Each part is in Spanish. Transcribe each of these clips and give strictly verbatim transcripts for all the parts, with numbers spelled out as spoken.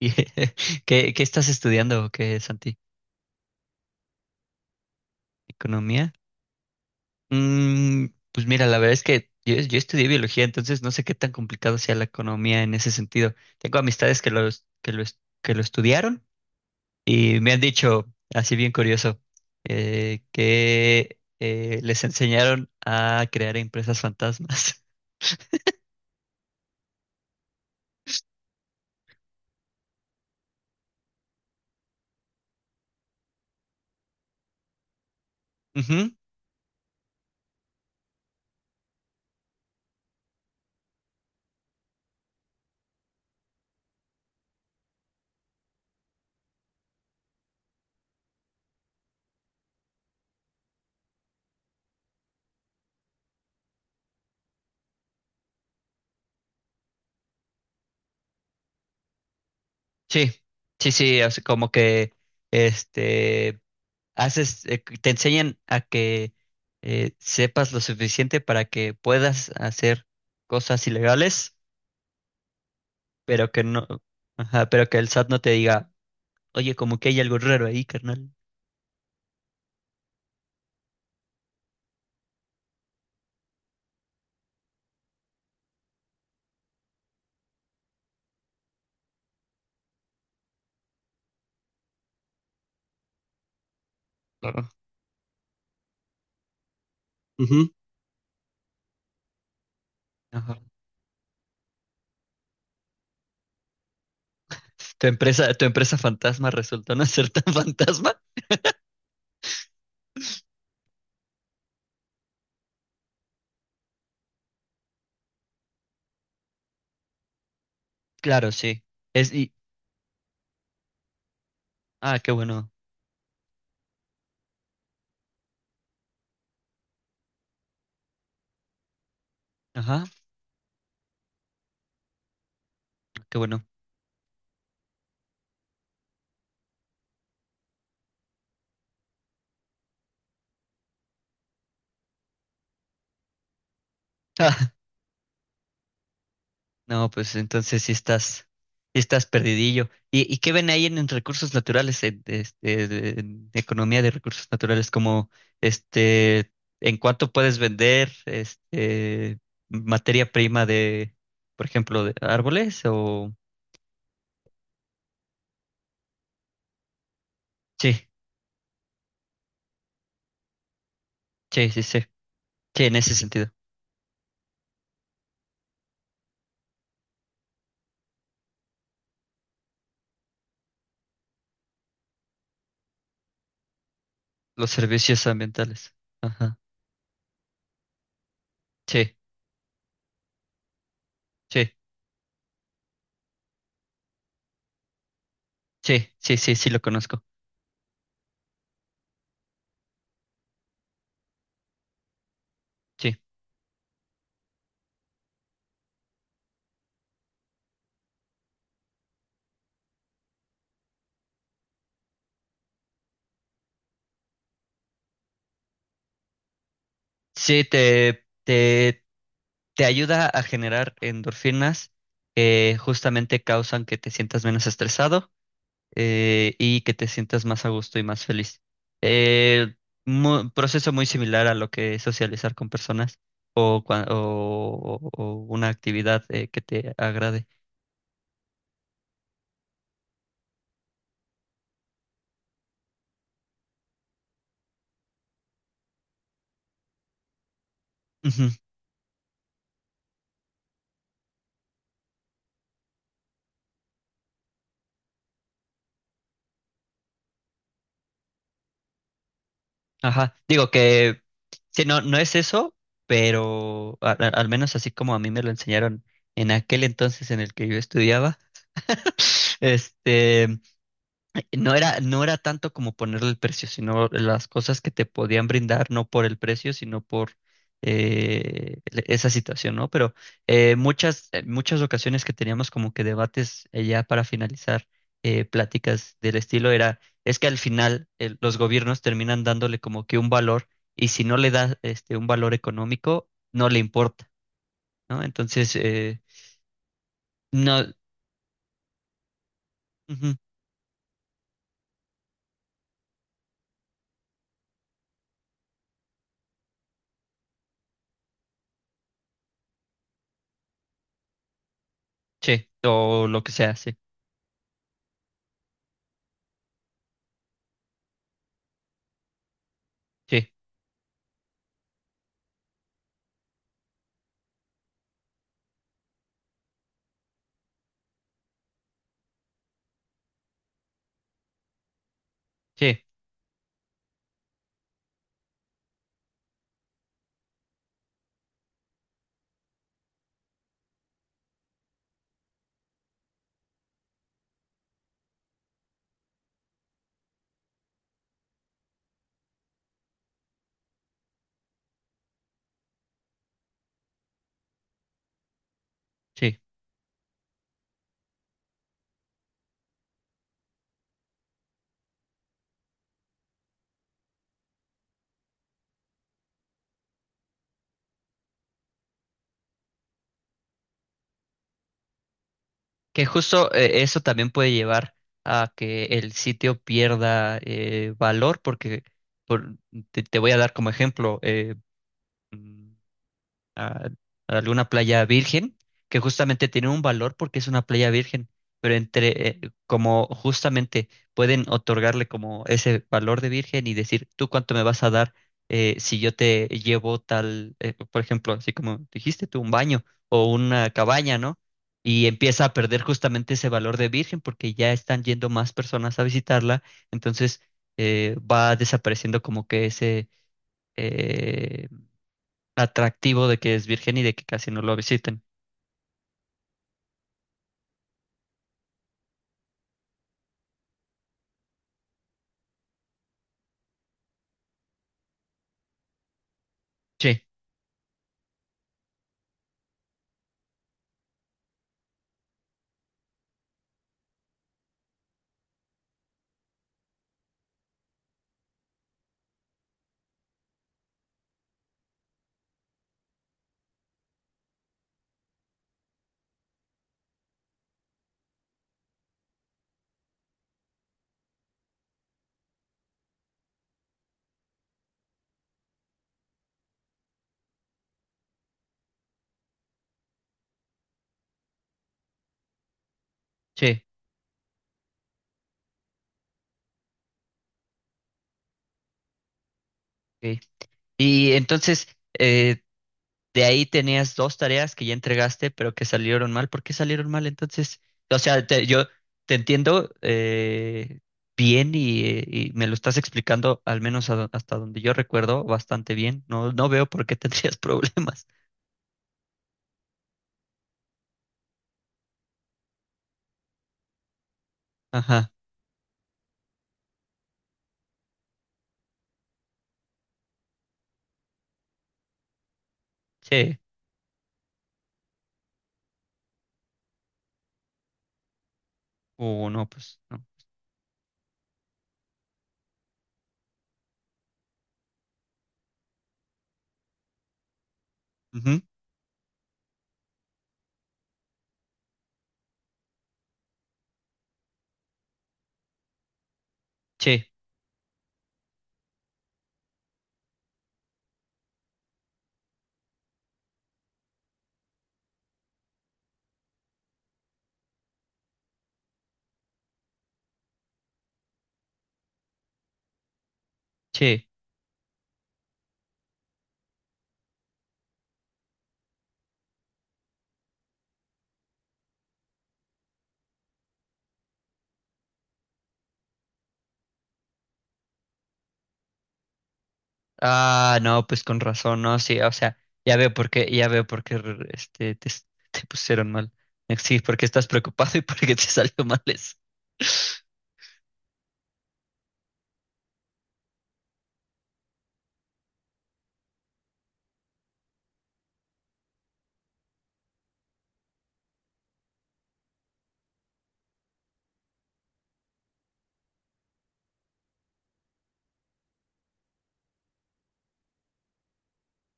Y- ¿Qué, qué estás estudiando, o qué, Santi? ¿Economía? Mm, pues mira, la verdad es que yo, yo estudié biología, entonces no sé qué tan complicado sea la economía en ese sentido. Tengo amistades que lo, es- que lo, es- que lo estudiaron y me han dicho, así bien curioso, eh, que eh, les enseñaron a crear empresas fantasmas. Ujú. Sí, sí, sí, o sea, como que este... haces, eh, te enseñan a que eh, sepas lo suficiente para que puedas hacer cosas ilegales, pero que no, ajá, pero que el SAT no te diga, oye, como que hay algo raro ahí, carnal. Claro. Ujú. Ajá. Tu empresa, tu empresa fantasma resultó no ser tan fantasma. Claro, sí. Es y Ah, qué bueno. Ajá, qué bueno. No, pues entonces sí estás, sí estás perdidillo. ¿Y, y qué ven ahí en, en recursos naturales, en, este, de- en economía de recursos naturales, como este, en cuánto puedes vender este materia prima de, por ejemplo, de árboles o sí, sí, sí, sí, sí, en ese sentido, los servicios ambientales. Ajá. Sí, sí, sí, sí, sí, sí lo conozco. Sí. Sí, te, te te ayuda a generar endorfinas que justamente causan que te sientas menos estresado eh, y que te sientas más a gusto y más feliz. Eh, mu- Proceso muy similar a lo que es socializar con personas o, cua- o- o- o una actividad eh, que te agrade. Ujú. Ajá, digo que sí, no, no es eso, pero a- a- al menos así como a mí me lo enseñaron en aquel entonces en el que yo estudiaba, este... No era, no era tanto como ponerle el precio, sino las cosas que te podían brindar, no por el precio, sino por eh, le- esa situación, ¿no? Pero eh, muchas, eh, muchas ocasiones que teníamos como que debates eh, ya para finalizar eh, pláticas del estilo era, es que al final el- los gobiernos terminan dándole como que un valor y si no le da este, un valor económico, no le importa, ¿no? Entonces, eh, no, ujú, sí, o lo que sea, sí, sí, sí, sí. Que justo eh, eso también puede llevar a que el sitio pierda eh, valor, porque por- te, te voy a dar como ejemplo, eh, mm, a, a alguna playa virgen, que justamente tiene un valor porque es una playa virgen, pero entre, eh, como justamente pueden otorgarle como ese valor de virgen y decir, ¿tú cuánto me vas a dar eh, si yo te llevo tal, eh, por ejemplo, así como dijiste tú, un baño o una cabaña, ¿no? Y empieza a perder justamente ese valor de virgen porque ya están yendo más personas a visitarla, entonces eh, va desapareciendo como que ese, eh, atractivo de que es virgen y de que casi no lo visiten. Sí, sí. Ok. Y entonces, eh, de ahí tenías dos tareas que ya entregaste, pero que salieron mal. ¿Por qué salieron mal entonces? O sea, te- yo te entiendo eh, bien y, eh, y me lo estás explicando, al menos a do- hasta donde yo recuerdo, bastante bien. No, no veo por qué tendrías problemas. Ajá, sí. O no, pues no. Ujú. Sí, sí. Ah, no, pues con razón, no, sí, o sea, ya veo por qué, ya veo por qué este, te, te pusieron mal. Sí, porque estás preocupado y porque te salió mal eso.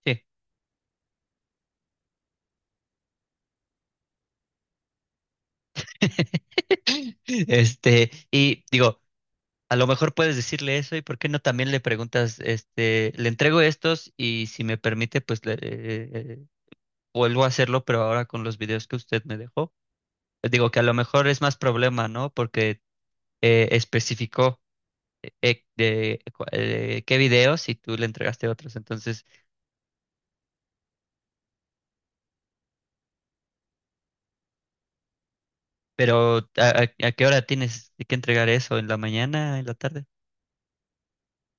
Sí. Este, y digo, a lo mejor puedes decirle eso y por qué no también le preguntas, este, le entrego estos y si me permite, pues le, eh, eh, vuelvo a hacerlo, pero ahora con los videos que usted me dejó. Digo que a lo mejor es más problema, ¿no? Porque eh, especificó eh, de, cu- eh, qué video si tú le entregaste otros. Entonces, pero ¿a, a- a qué hora tienes que entregar eso? ¿En la mañana? ¿En la tarde?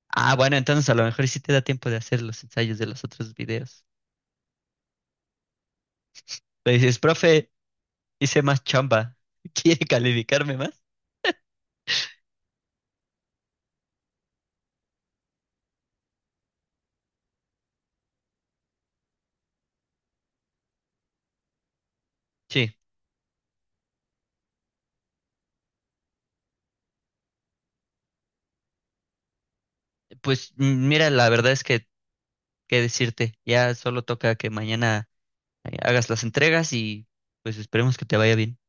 Ah, bueno, entonces a lo mejor sí te da tiempo de hacer los ensayos de los otros videos. Le dices, profe, hice más chamba. ¿Quiere calificarme más? Sí, pues mm, mira, la verdad es que, qué decirte, ya solo toca que mañana eh, hagas las entregas y pues esperemos que te vaya bien.